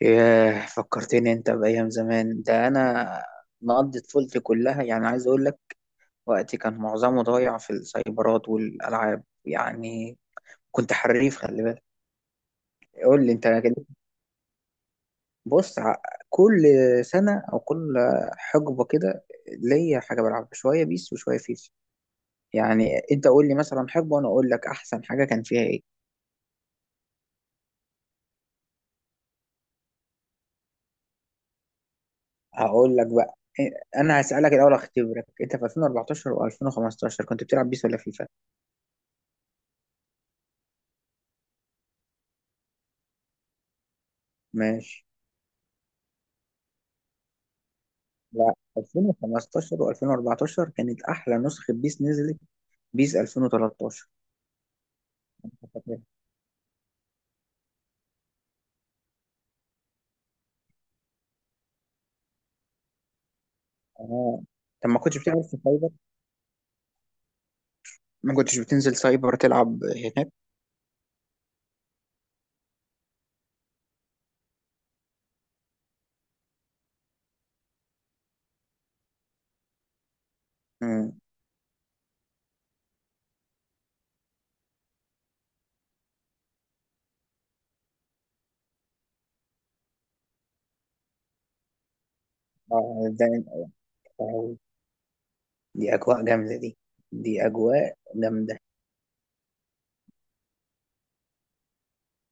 ياه، فكرتني انت بأيام زمان. ده انا مقضي طفولتي كلها، يعني عايز اقول لك وقتي كان معظمه ضايع في السايبرات والالعاب يعني. كنت حريف، خلي بالك. قول لي انت كده. بص ع- كل سنة او كل حقبة كده ليا حاجة بلعبها، شوية بيس وشوية فيفا يعني. انت قول لي مثلا حقبة وانا اقول لك احسن حاجة كان فيها ايه. هقول لك بقى. إيه، انا هسألك الاول، اختبرك. انت في 2014 و2015 كنت بتلعب بيس ولا فيفا؟ ماشي. لا، 2015 و2014 كانت احلى نسخه بيس نزلت. بيس 2013. أنت فاكرها؟ اه. طب ما كنتش بتلعب في سايبر؟ ما كنتش بتنزل سايبر تلعب هناك؟ امم. آه، ده- آه، دي اجواء جامده دي دي اجواء جامده.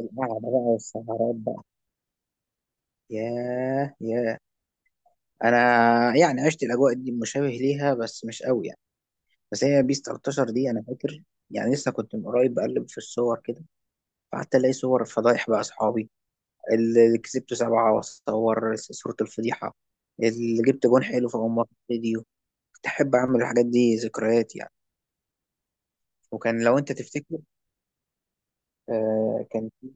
القعده بقى والسهرات بقى. ياه ياه. انا يعني عشت الاجواء دي مشابه ليها، بس مش قوي يعني. بس هي بيس 13 دي انا فاكر. يعني لسه كنت من قريب بقلب في الصور كده، فقعدت الاقي صور فضايح بقى اصحابي، اللي كسبته سبعة وأصور صورة الفضيحة، اللي جبت جون حلو في أمارة فيديو. كنت أحب أعمل الحاجات دي ذكريات يعني. وكان لو أنت تفتكر، آه كان في.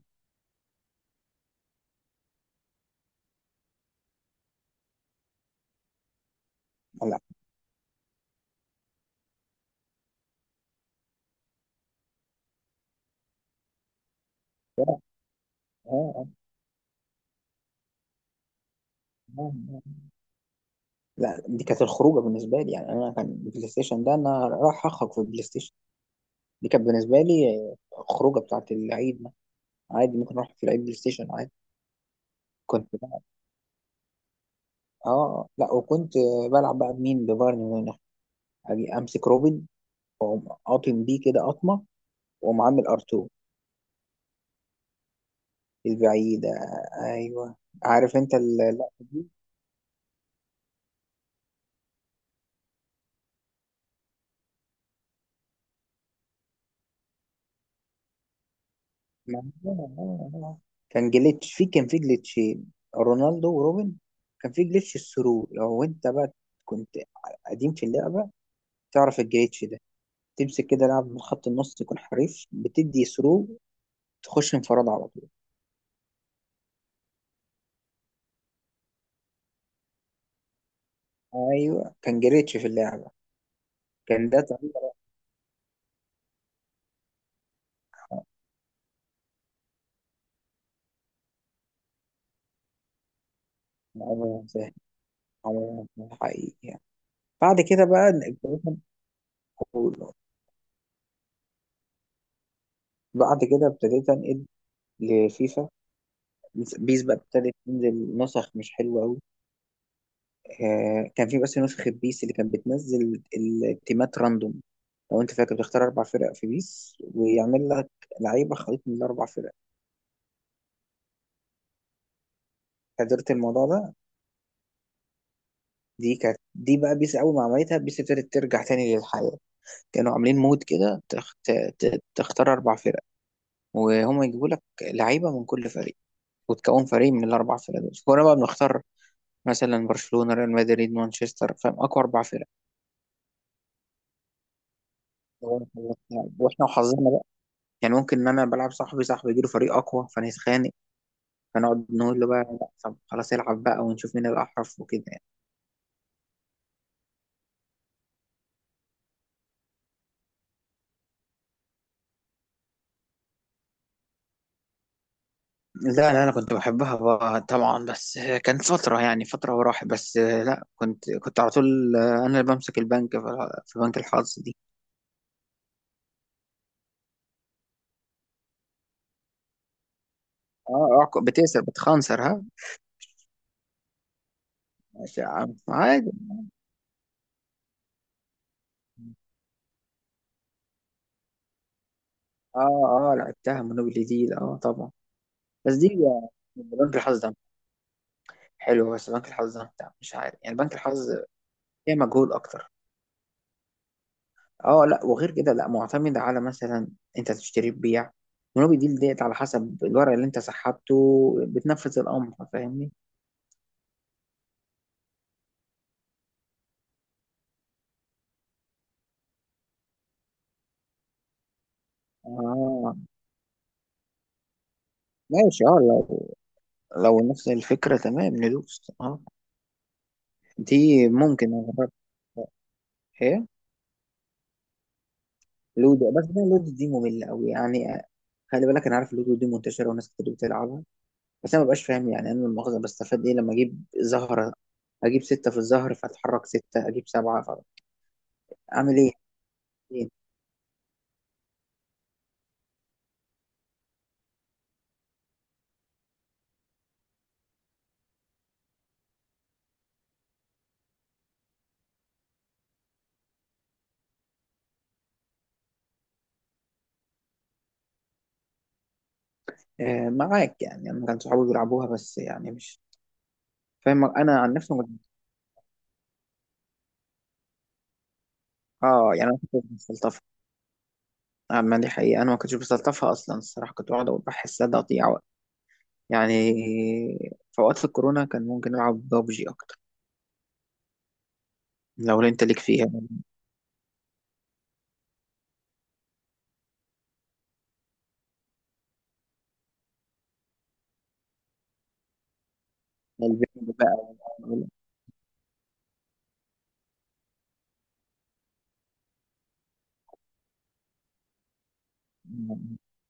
لا. آه، آه، آه. آه. لا، دي كانت الخروجة بالنسبة لي يعني. أنا كان البلاي ستيشن ده، أنا راح أخرج في البلاي ستيشن. دي كانت بالنسبة لي آه، الخروجة بتاعت العيد ده. عادي، ممكن أروح في العيد بلاي ستيشن عادي. كنت بقى آه لا، وكنت بلعب بقى بمين، ببايرن ميونخ. أجي أمسك روبن وأقوم قاطم بيه كده قطمة ومعامل ار2. البعيدة، ايوه. عارف انت اللقطة دي. ما هو- آه، آه. كان جليتش في، كان في جليتشين، رونالدو وروبن. كان في جليتش الثرو، لو انت بقى كنت قديم في اللعبة تعرف الجليتش ده. تمسك كده لاعب من خط النص يكون حريف، بتدي ثرو، تخش انفراد على طول. ايوه، كان جليتش في اللعبة. كان ده طريقة. عمرها سهل، عمرها سهل حقيقي يعني. بعد كده بقى ابتديت أنقل- بعد كده ابتديت أنقل لفيفا. بيس بقى ابتدت تنزل نسخ مش حلوة أوي. آه كان في بس نسخة بيس اللي كانت بتنزل التيمات راندوم. لو أنت فاكر، بتختار أربع فرق في بيس ويعمل لك لعيبة خليط من الأربع فرق. حضرت الموضوع ده؟ دي كانت بقى بيس. أول ما عملتها بيس ابتدت ترجع تاني للحياة. كانوا عاملين مود كده تختار أربع فرق، وهم يجيبوا لك لعيبة من كل فريق، وتكون فريق من الأربع فرق دول. كنا بقى بنختار مثلا برشلونة، ريال مدريد، مانشستر، فاهم، أقوى أربع فرق. واحنا وحظنا بقى، يعني ممكن ان انا بلعب صاحبي، صاحبي يجيله فريق اقوى فنتخانق، فنقعد نقول له بقى لا، طب خلاص العب بقى ونشوف مين الاحرف وكده يعني. لا لا، انا كنت بحبها بقى طبعا، بس كانت فتره يعني، فتره وراحت. بس لا، كنت على طول انا اللي بمسك البنك في بنك الحظ دي. اه. آه، بتكسب بتخنصر ها. ماشي يا عم عادي. اه، اه لعبتها مونوبولي دي، اه طبعا. بس دي آه، بنك الحظ ده حلو. بس بنك الحظ ده بتاع مش عارف يعني، بنك الحظ فيها مجهود اكتر. اه لا، وغير كده لا، معتمد على مثلا انت تشتري ببيع، ونوبي ديل ديت، على حسب الورق اللي انت سحبته بتنفذ الامر، فاهمني. اه ماشي. اه لو، لو نفس الفكره تمام ندوس اه. دي ممكن اجرب. ايه؟ لودو؟ بس انا لودو دي ممله قوي يعني آه. خلي بالك، انا عارف لودو دي منتشره وناس كتير بتلعبها، بس انا مبقاش فاهم يعني، انا المؤاخذه بستفاد ايه لما اجيب زهره، اجيب سته في الزهر فاتحرك سته اجيب سبعه فاعمل ايه؟ آه، معاك يعني. انا كان صحابي بيلعبوها بس يعني مش فاهم، انا عن نفسي ما كنت. اه. يعني انا ما كنتش بستلطفها آه، ما دي حقيقه، انا ما كنتش بستلطفها اصلا الصراحه، كنت بقعد بحسها تقطيع وقت يعني. في اوقات الكورونا كان ممكن العب ببجي اكتر. لو انت ليك فيها. البنج بقى.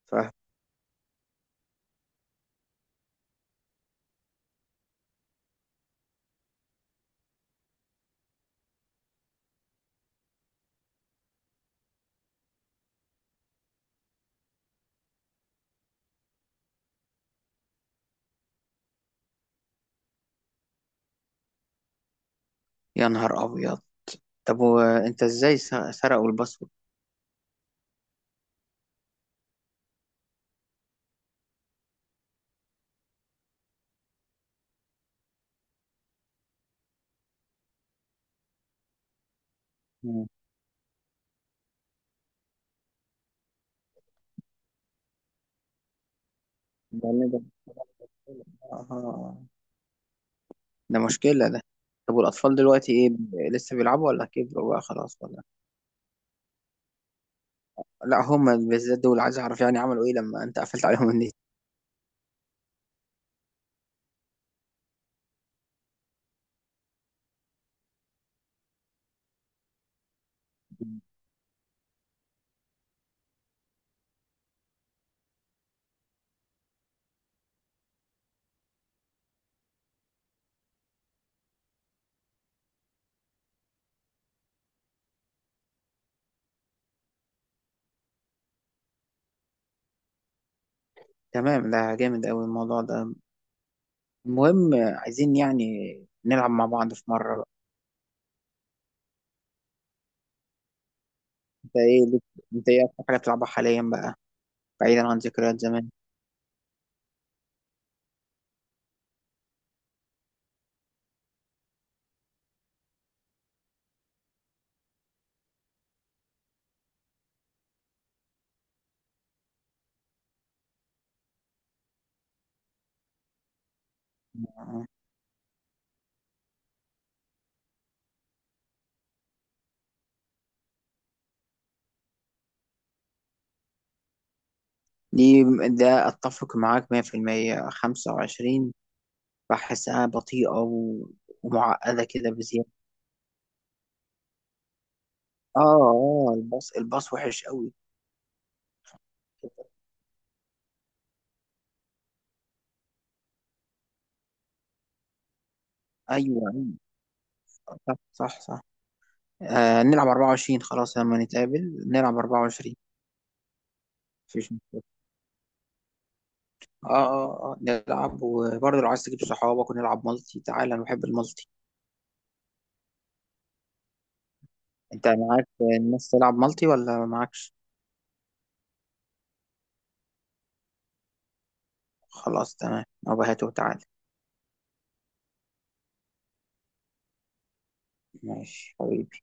ف، يا نهار ابيض. طب وانت ازاي سرقوا الباسورد؟ مم. ده اللي ده، آه، ده مشكله ده. طب والاطفال دلوقتي ايه، لسه بيلعبوا ولا كبروا بقى خلاص ولا؟ لا هما بالذات دول عايز اعرف يعني عملوا ايه لما انت قفلت عليهم النت. تمام، ده جامد قوي الموضوع ده. المهم عايزين يعني نلعب مع بعض في مرة بقى. انت انت ايه اكتر حاجة بتلعبها حاليا بقى، بعيدا عن ذكريات زمان؟ آه. دي، ده اتفق معاك 100%. 25 بحسها بطيئة و... ومعقدة كده بزيادة. اه اه، الباص، الباص وحش قوي. ايوه، أيوة. صح صح صح. آه نلعب 24، خلاص لما نتقابل نلعب 24. مفيش مشكلة. اه اه اه، نلعب. وبرضه لو عايز تجيب صحابك ونلعب مالتي، تعالى، انا بحب المالتي. انت معاك الناس تلعب مالتي ولا معاكش؟ خلاص تمام، أبقى هاته وتعالى. ماشي حبيبي.